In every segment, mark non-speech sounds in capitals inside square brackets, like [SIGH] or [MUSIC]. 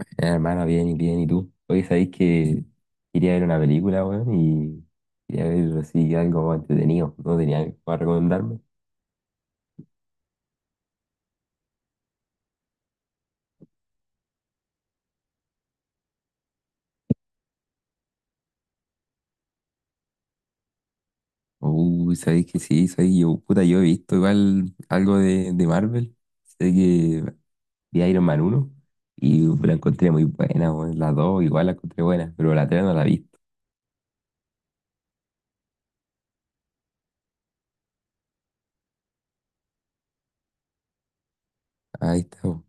Hermano, bien y bien, ¿y tú? Hoy sabéis que quería ver una película, weón, y quería ver así algo entretenido, no tenía algo para recomendarme. Uy, sabéis que sí, soy yo, puta, yo he visto igual algo de Marvel, sé que vi Iron Man uno y la encontré muy buena, weón, la 2 igual la encontré buena, pero la 3 no la he visto. Ahí está, weón.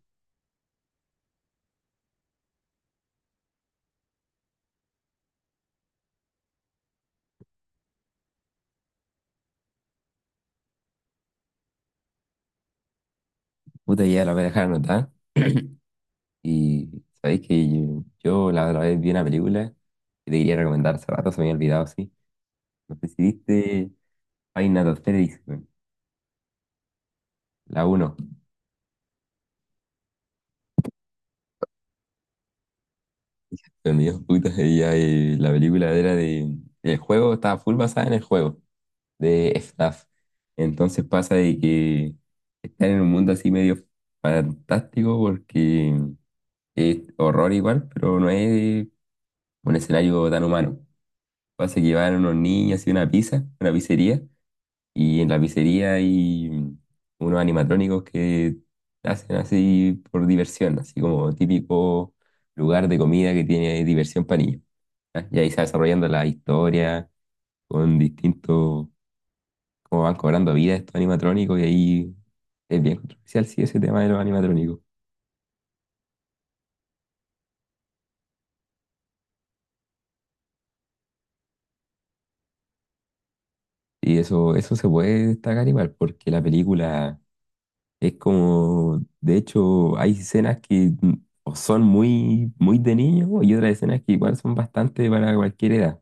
Puta, ya la voy a dejar anotada y sabéis que yo la otra vez vi una película que te quería recomendar hace rato, se me había olvidado, sí. No sé si viste Hay Nat Asterix, güey. La uno los mis putas, y la película era de. El juego estaba full basada en el juego de FNAF. Entonces pasa de que están en un mundo así medio fantástico porque es horror igual, pero no es un escenario tan humano. Pasa que van unos niños y una una pizzería. Y en la pizzería hay unos animatrónicos que hacen así por diversión, así como típico lugar de comida que tiene diversión para niños. ¿Ya? Y ahí se va desarrollando la historia con distintos, cómo van cobrando vida estos animatrónicos y ahí es bien controversial, sí, ese tema de los animatrónicos. Y eso se puede destacar igual porque la película es como, de hecho, hay escenas que o son muy de niño y otras escenas que igual son bastante para cualquier edad.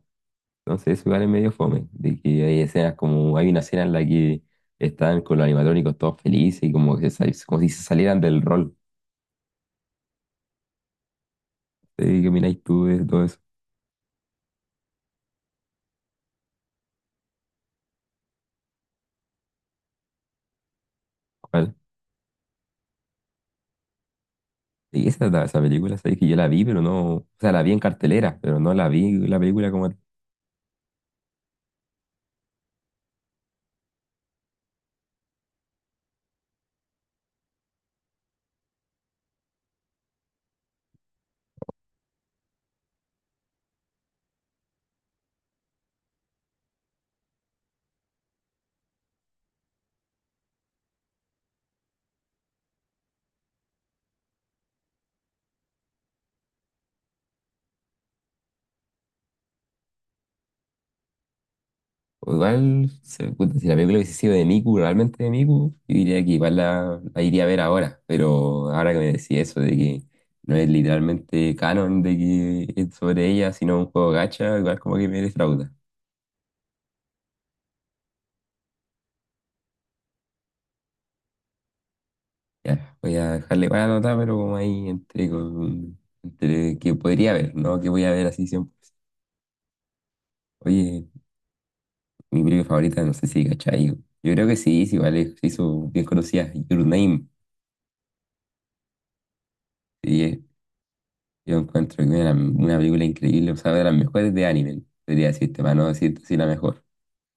Entonces eso igual es medio fome, de que hay escenas como, hay una escena en la que están con los animatrónicos todos felices y como, como si se salieran del rol. Sí, ¿qué opináis tú de todo eso? ¿Cuál? Y esa película, sabéis que yo la vi, pero no, o sea, la vi en cartelera, pero no la vi la película como. O igual, puta, si la película hubiese sido de Miku, realmente de Miku, yo diría que igual la iría a ver ahora. Pero ahora que me decís eso de que no es literalmente canon de que es sobre ella, sino un juego gacha, igual como que me defrauda. Ya, voy a dejarle para anotar, pero como ahí entre, con, entre que podría ver, ¿no? Que voy a ver así siempre. Oye, mi película favorita, no sé si cachai. Yo creo que sí, vale, se hizo bien conocida, Your Name. Sí, yo encuentro que una película increíble, o sea, de las mejores de anime, podría decirte, para no decirte si la mejor,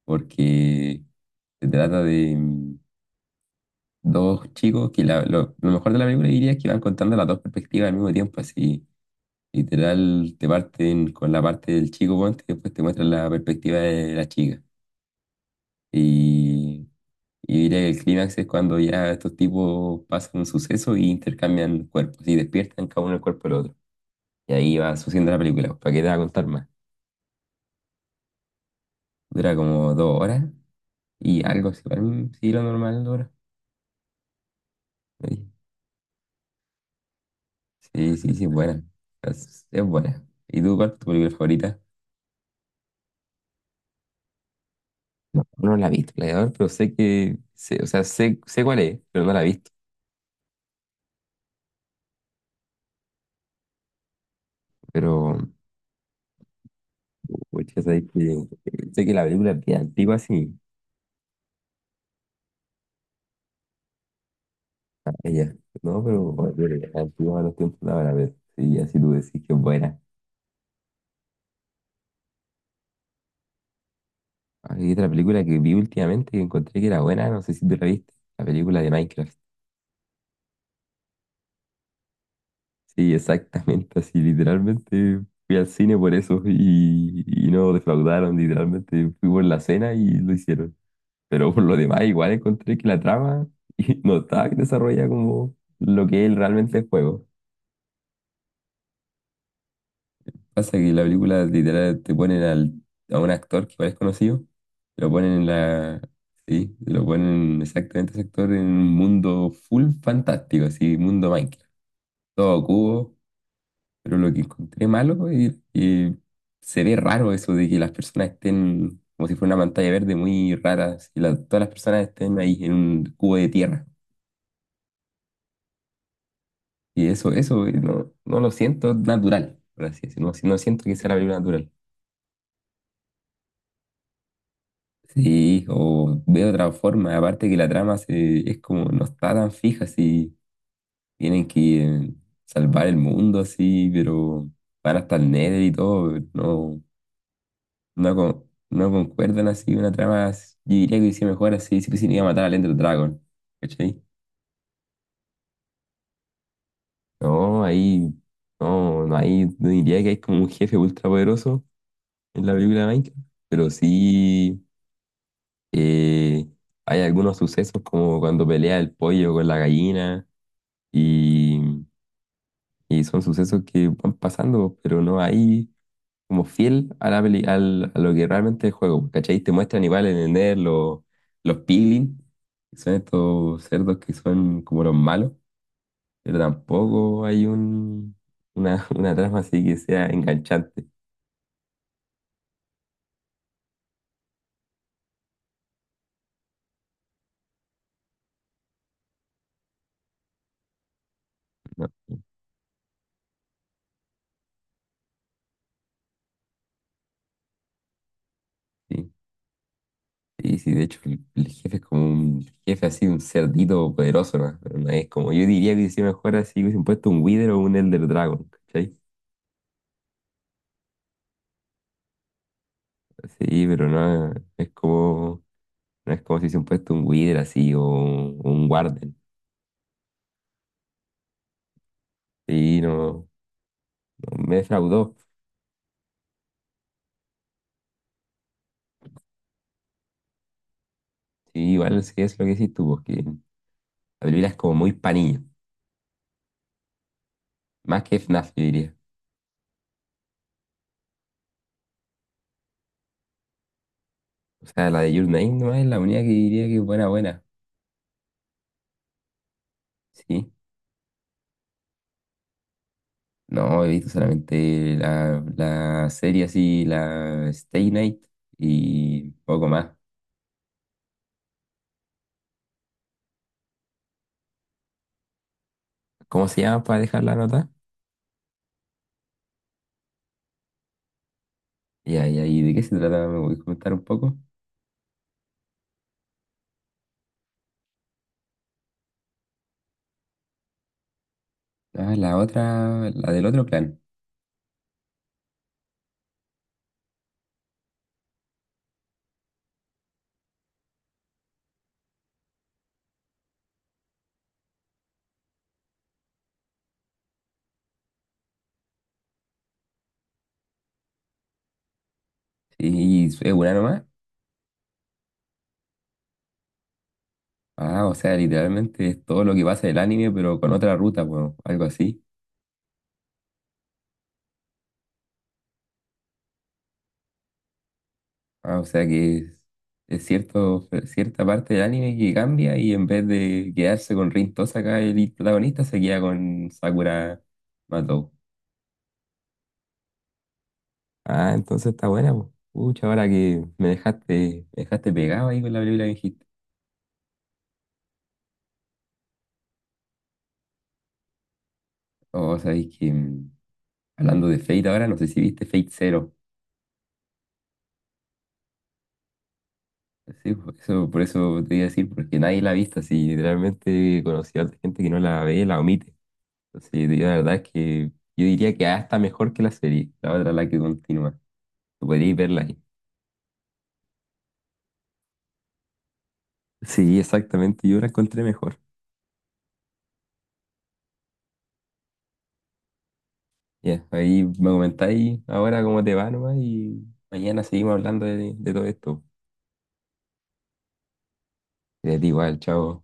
porque se trata de dos chicos que lo mejor de la película diría es que van contando las dos perspectivas al mismo tiempo, así literal te parten con la parte del chico ponte y después te muestran la perspectiva de la chica. Y, y diría que el clímax es cuando ya estos tipos pasan un suceso y intercambian cuerpos y despiertan cada uno el cuerpo del otro. Y ahí va sucediendo la película, ¿para qué te va a contar más? Dura como dos horas y algo, así, para mí sí lo normal dura. Sí, sí, es buena. Es buena. ¿Y tú cuál es tu película favorita? No, no la he visto, Gladiador, pero sé que, sé, o sea, sé, sé cuál es, pero no la he visto. Pero, pucha, sabes que- sé que la película es bien antigua, sí, ah, ella, ¿no? Pero, bueno, pero es antigua a los tiempos de ahora, pero sí, así tú decís que es buena. Hay otra película que vi últimamente que encontré que era buena, no sé si tú la viste, la película de Minecraft. Sí, exactamente, así literalmente fui al cine por eso y no defraudaron, literalmente fui por la cena y lo hicieron. Pero por lo demás igual encontré que la trama [LAUGHS] no estaba desarrollada como lo que él realmente es juego. Pasa que en la película literal te ponen a un actor que igual es conocido, lo ponen en la... Sí, lo ponen exactamente ese actor en un mundo full fantástico, así, mundo Minecraft. Todo cubo. Pero lo que encontré malo es que se ve raro eso de que las personas estén como si fuera una pantalla verde muy rara, y todas las personas estén ahí en un cubo de tierra. Y eso no, no lo siento natural, por así decirlo. No, no siento que sea la película natural. Sí, o veo otra forma, aparte que es como no está tan fija, si tienen que salvar el mundo así, pero van hasta el Nether y todo, no. No, no concuerdan así una trama. Yo diría que hice mejor así si pusiera a matar al Ender Dragon. ¿Cachai? No, ahí no, no hay, no diría que hay como un jefe ultra poderoso en la película de Minecraft, pero sí eh, hay algunos sucesos como cuando pelea el pollo con la gallina y, y son sucesos que van pasando, pero no hay como fiel a la a lo que realmente es el juego, ¿cachai? Te muestran igual en el Nether los piglins. Son estos cerdos que son como los malos, pero tampoco hay [LAUGHS] una trama así que sea enganchante. ¿No? Sí, sí, sí, de hecho el jefe es como un jefe así, un cerdito poderoso, ¿no? Pero no es como, yo diría que si mejor así hubiesen puesto un Wither o un Elder Dragon, ¿cachai? Sí, pero no es como, no es como si hubiesen puesto un Wither así o un Warden. Sí, no, no, me defraudó. Sí, igual sí es lo que decís tú, porque la película es como muy panillo. Más que FNAF, yo diría. O sea, la de Your Name nomás es la única que diría que es buena, buena. Sí. No, he visto solamente la serie así, la Stay Night y poco más. ¿Cómo se llama para dejar la nota? Ya, ya, ¿y de qué se trata? ¿Me voy a comentar un poco? Ah, la otra, la del otro plan. Sí, es una nomás. Ah, o sea, literalmente es todo lo que pasa del anime, pero con otra ruta, bueno, algo así. Ah, o sea que es cierto, cierta parte del anime que cambia y en vez de quedarse con Rin Tosaka, el protagonista se queda con Sakura Matou. Ah, entonces está buena, po. Pucha, ahora que me dejaste. Me dejaste pegado ahí con la película que dijiste. O sabéis que hablando de Fate ahora, no sé si viste Fate Zero. Sí, por eso te iba a decir, porque nadie la ha visto, así literalmente conocí a otra gente que no la ve, la omite. Entonces, yo la verdad es que yo diría que hasta mejor que la serie. La otra la que continúa. Podéis verla ahí. Sí, exactamente. Yo la encontré mejor. Ya, ahí me comentáis ahora cómo te va nomás y mañana seguimos hablando de todo esto. De ti igual, chao.